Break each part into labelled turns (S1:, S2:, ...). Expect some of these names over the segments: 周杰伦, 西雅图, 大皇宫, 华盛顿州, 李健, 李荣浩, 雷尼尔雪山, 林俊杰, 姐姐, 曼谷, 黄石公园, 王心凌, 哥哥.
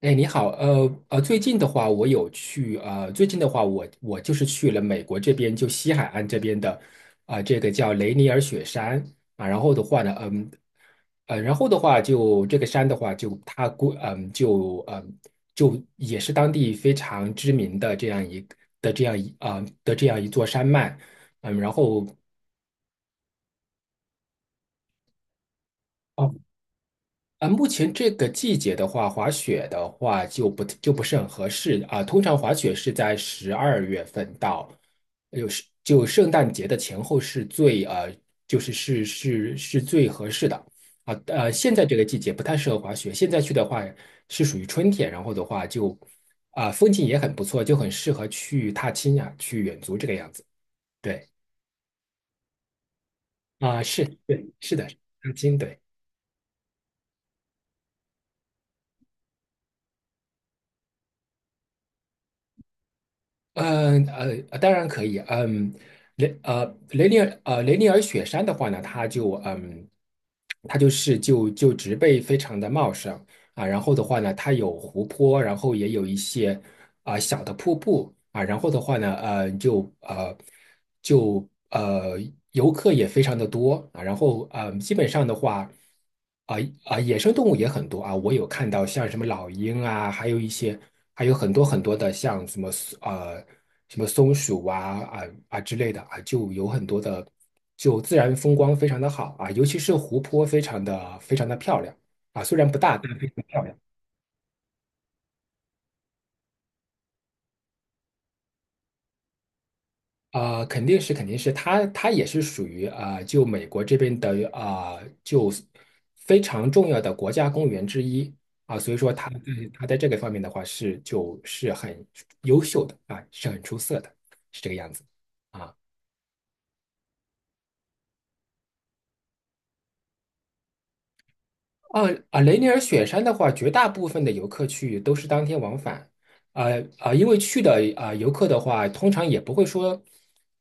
S1: 哎，你好，最近的话，我有去，最近的话我就是去了美国这边，就西海岸这边的，啊、这个叫雷尼尔雪山啊，然后的话呢，然后的话就这个山的话就，它估，嗯，就嗯就也是当地非常知名的这样一的这样一啊、的这样一座山脉，嗯，然后。哦。啊，目前这个季节的话，滑雪的话就不是很合适啊。通常滑雪是在12月份到，就圣诞节的前后是就是最合适的啊。现在这个季节不太适合滑雪，现在去的话是属于春天，然后的话就啊，风景也很不错，就很适合去踏青呀、去远足这个样子。对啊，是对，是的，踏青对。当然可以。嗯，雷尼尔雪山的话呢，它它就是植被非常的茂盛，啊，然后的话呢，它有湖泊，然后也有一些啊、小的瀑布啊，然后的话呢，呃，就呃就呃游客也非常的多啊，然后基本上的话。啊啊，野生动物也很多啊，我有看到像什么老鹰啊，还有一些，还有很多很多的像什么呃什么松鼠啊啊之类的啊，就有很多的，就自然风光非常的好啊，尤其是湖泊非常的非常的漂亮啊，虽然不大，啊、肯定是，肯定是，它也是属于啊、就美国这边的啊、就非常重要的国家公园之一啊、所以说它在这个方面的话是就是很优秀的啊，是很出色的，是这个样子啊。啊啊，雷尼尔雪山的话，绝大部分的游客去都是当天往返，因为去的啊、游客的话，通常也不会说，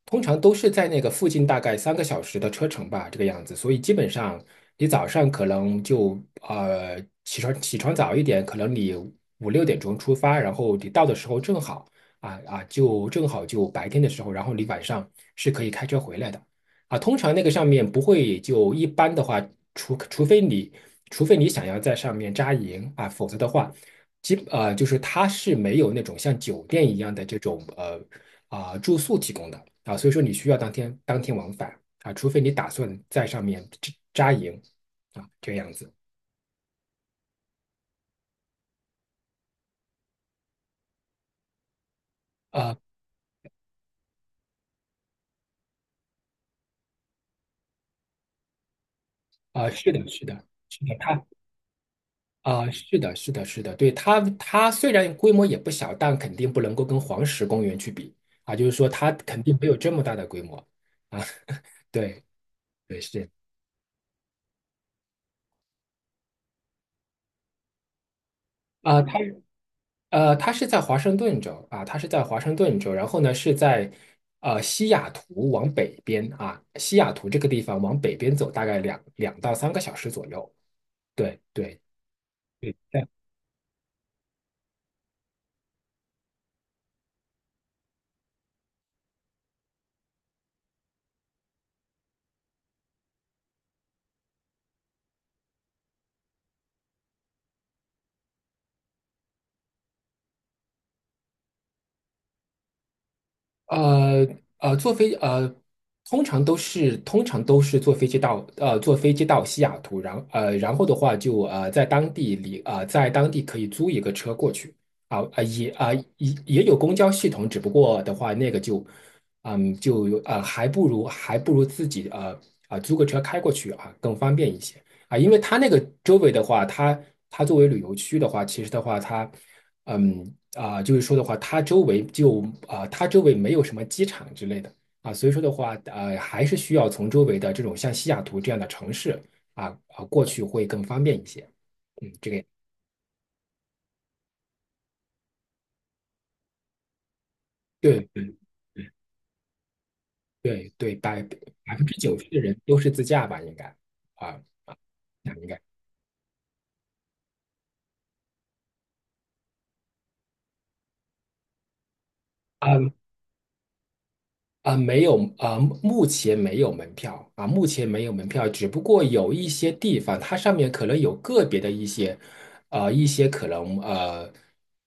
S1: 通常都是在那个附近大概三个小时的车程吧，这个样子，所以基本上你早上可能呃起床早一点，可能你5、6点钟出发，然后你到的时候正好就白天的时候，然后你晚上是可以开车回来的。啊，通常那个上面不会就一般的话，除除非你除非你想要在上面扎营啊，否则的话，就是它是没有那种像酒店一样的这种啊、住宿提供的啊，所以说你需要当天往返啊，除非你打算在上面扎营啊，这个样子啊啊，是的，是的，是的，它啊，是的，是的，是的，对，它虽然规模也不小，但肯定不能够跟黄石公园去比啊，就是说它肯定没有这么大的规模啊。对，对，是啊，它是在华盛顿州啊，它是在华盛顿州，然后呢是在西雅图往北边啊，西雅图这个地方往北边走大概两到三个小时左右。对，对，对，呃呃，坐飞呃，通常都是坐飞机到西雅图，然后的话就在当地可以租一个车过去啊啊、也啊、也有公交系统，只不过的话那个就有啊，还不如自己啊、租个车开过去啊更方便一些啊、因为它那个周围的话，它作为旅游区的话，其实的话它。就是说的话，它周围没有什么机场之类的啊，所以说的话，还是需要从周围的这种像西雅图这样的城市啊啊过去会更方便一些。嗯，这个对对对对，百分之九十的人都是自驾吧，应该啊，那应该。啊。啊，没有啊，目前没有门票啊，目前没有门票，只不过有一些地方，它上面可能有个别的一些，呃，一些可能呃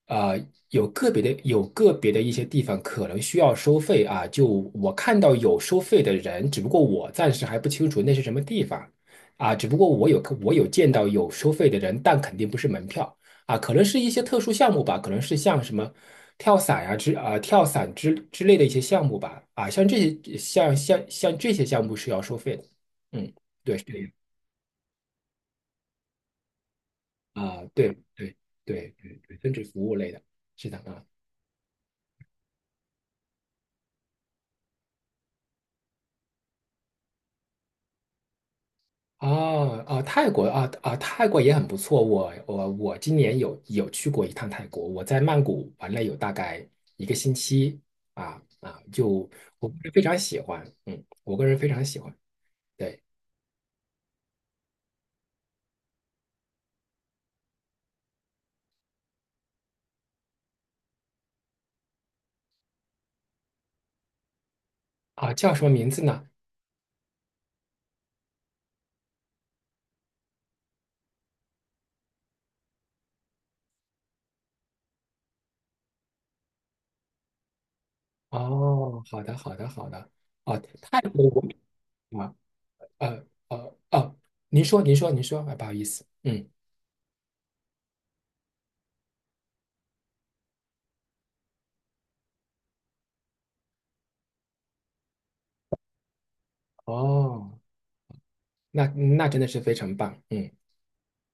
S1: 呃有个别的一些地方可能需要收费啊，就我看到有收费的人，只不过我暂时还不清楚那是什么地方啊，只不过我有见到有收费的人，但肯定不是门票啊，可能是一些特殊项目吧，可能是像什么跳伞呀、跳伞之类的一些项目吧，啊，像这些项目是要收费的，嗯，对，是这样啊，对对对对对，增值服务类的，是的啊。哦哦，泰国啊啊，泰国也很不错。我今年有去过一趟泰国，我在曼谷玩了有大概一个星期啊啊，我不是非常喜欢，我个人非常喜欢。对啊，叫什么名字呢？哦，好的，好的，好的。哦，泰国我啊，哦，您说，您说，您说，啊，不好意思，嗯，哦，那真的是非常棒，嗯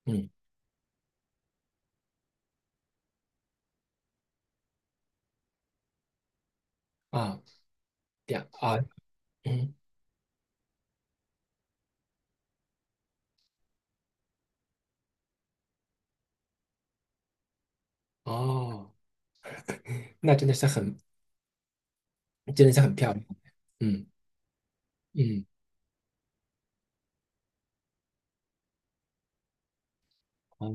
S1: 嗯啊，对啊，啊嗯哦，那真的是很，真的是很漂亮，嗯嗯，哦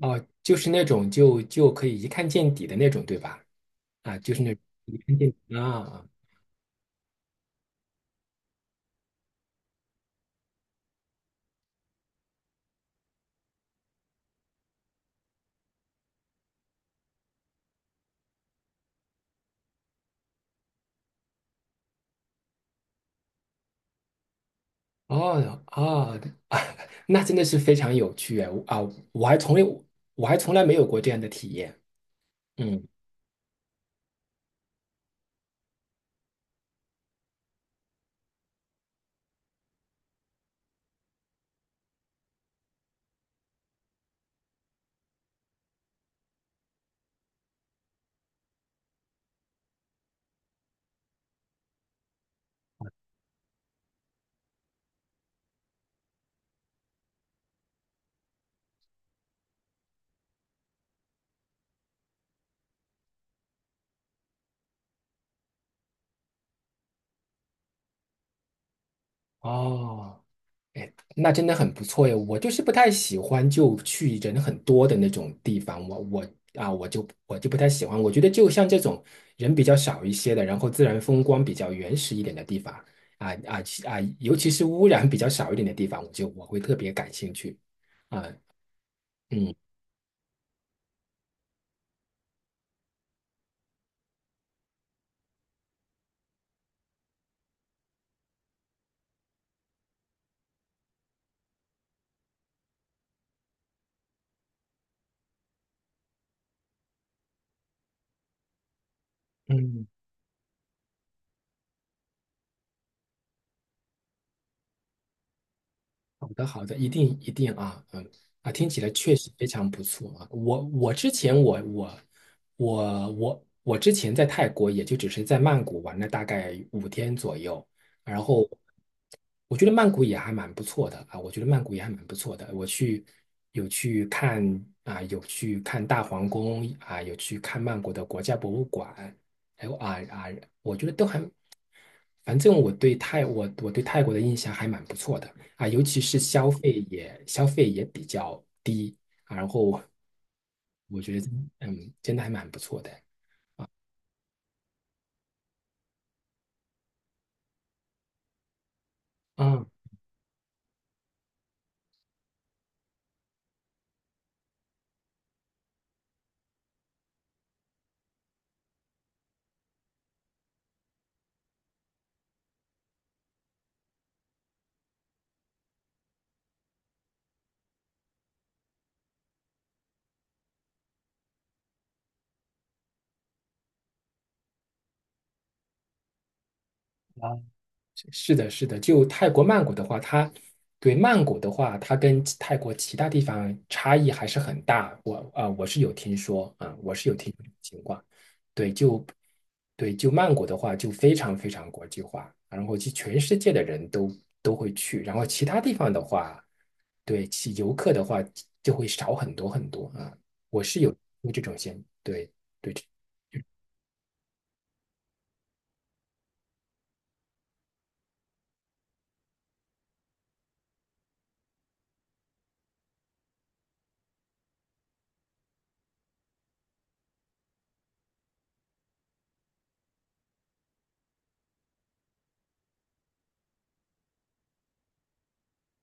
S1: 哦，就是那种就可以一看见底的那种，对吧？啊，就是那种一看见底啊哦哦，啊，那真的是非常有趣哎啊！我还从来我还从来没有过这样的体验。嗯，哦，哎，那真的很不错哎。我就是不太喜欢就去人很多的那种地方，我我啊，我就不太喜欢。我觉得就像这种人比较少一些的，然后自然风光比较原始一点的地方啊啊其啊，尤其是污染比较少一点的地方，我会特别感兴趣啊。嗯嗯。好的，好的，一定一定啊，嗯啊，听起来确实非常不错啊。我我之前在泰国也就只是在曼谷玩了大概5天左右，然后我觉得曼谷也还蛮不错的啊，我觉得曼谷也还蛮不错的。我去有去看啊，有去看大皇宫啊，有去看曼谷的国家博物馆，还有啊啊，我觉得都还反正我对泰我我对泰国的印象还蛮不错的啊，尤其是消费也比较低啊，然后我觉得嗯，真的还蛮不错的啊。是的，是的，就泰国曼谷的话，曼谷的话，它跟泰国其他地方差异还是很大。我是有听说啊、我是有听说这种情况。对，就对，就曼谷的话，就非常非常国际化，然后就全世界的人都会去。然后其他地方的话，对其游客的话就会少很多很多啊、我是有这种现，对对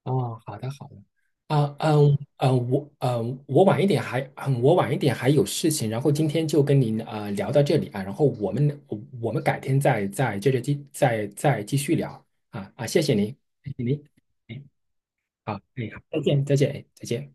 S1: 哦，好的好的，啊嗯嗯，我晚一点还有事情，然后今天就跟您聊到这里啊，然后我们改天再再接着继再再继续聊啊啊，谢谢您，谢谢您，哎好哎好，再见再见哎再见。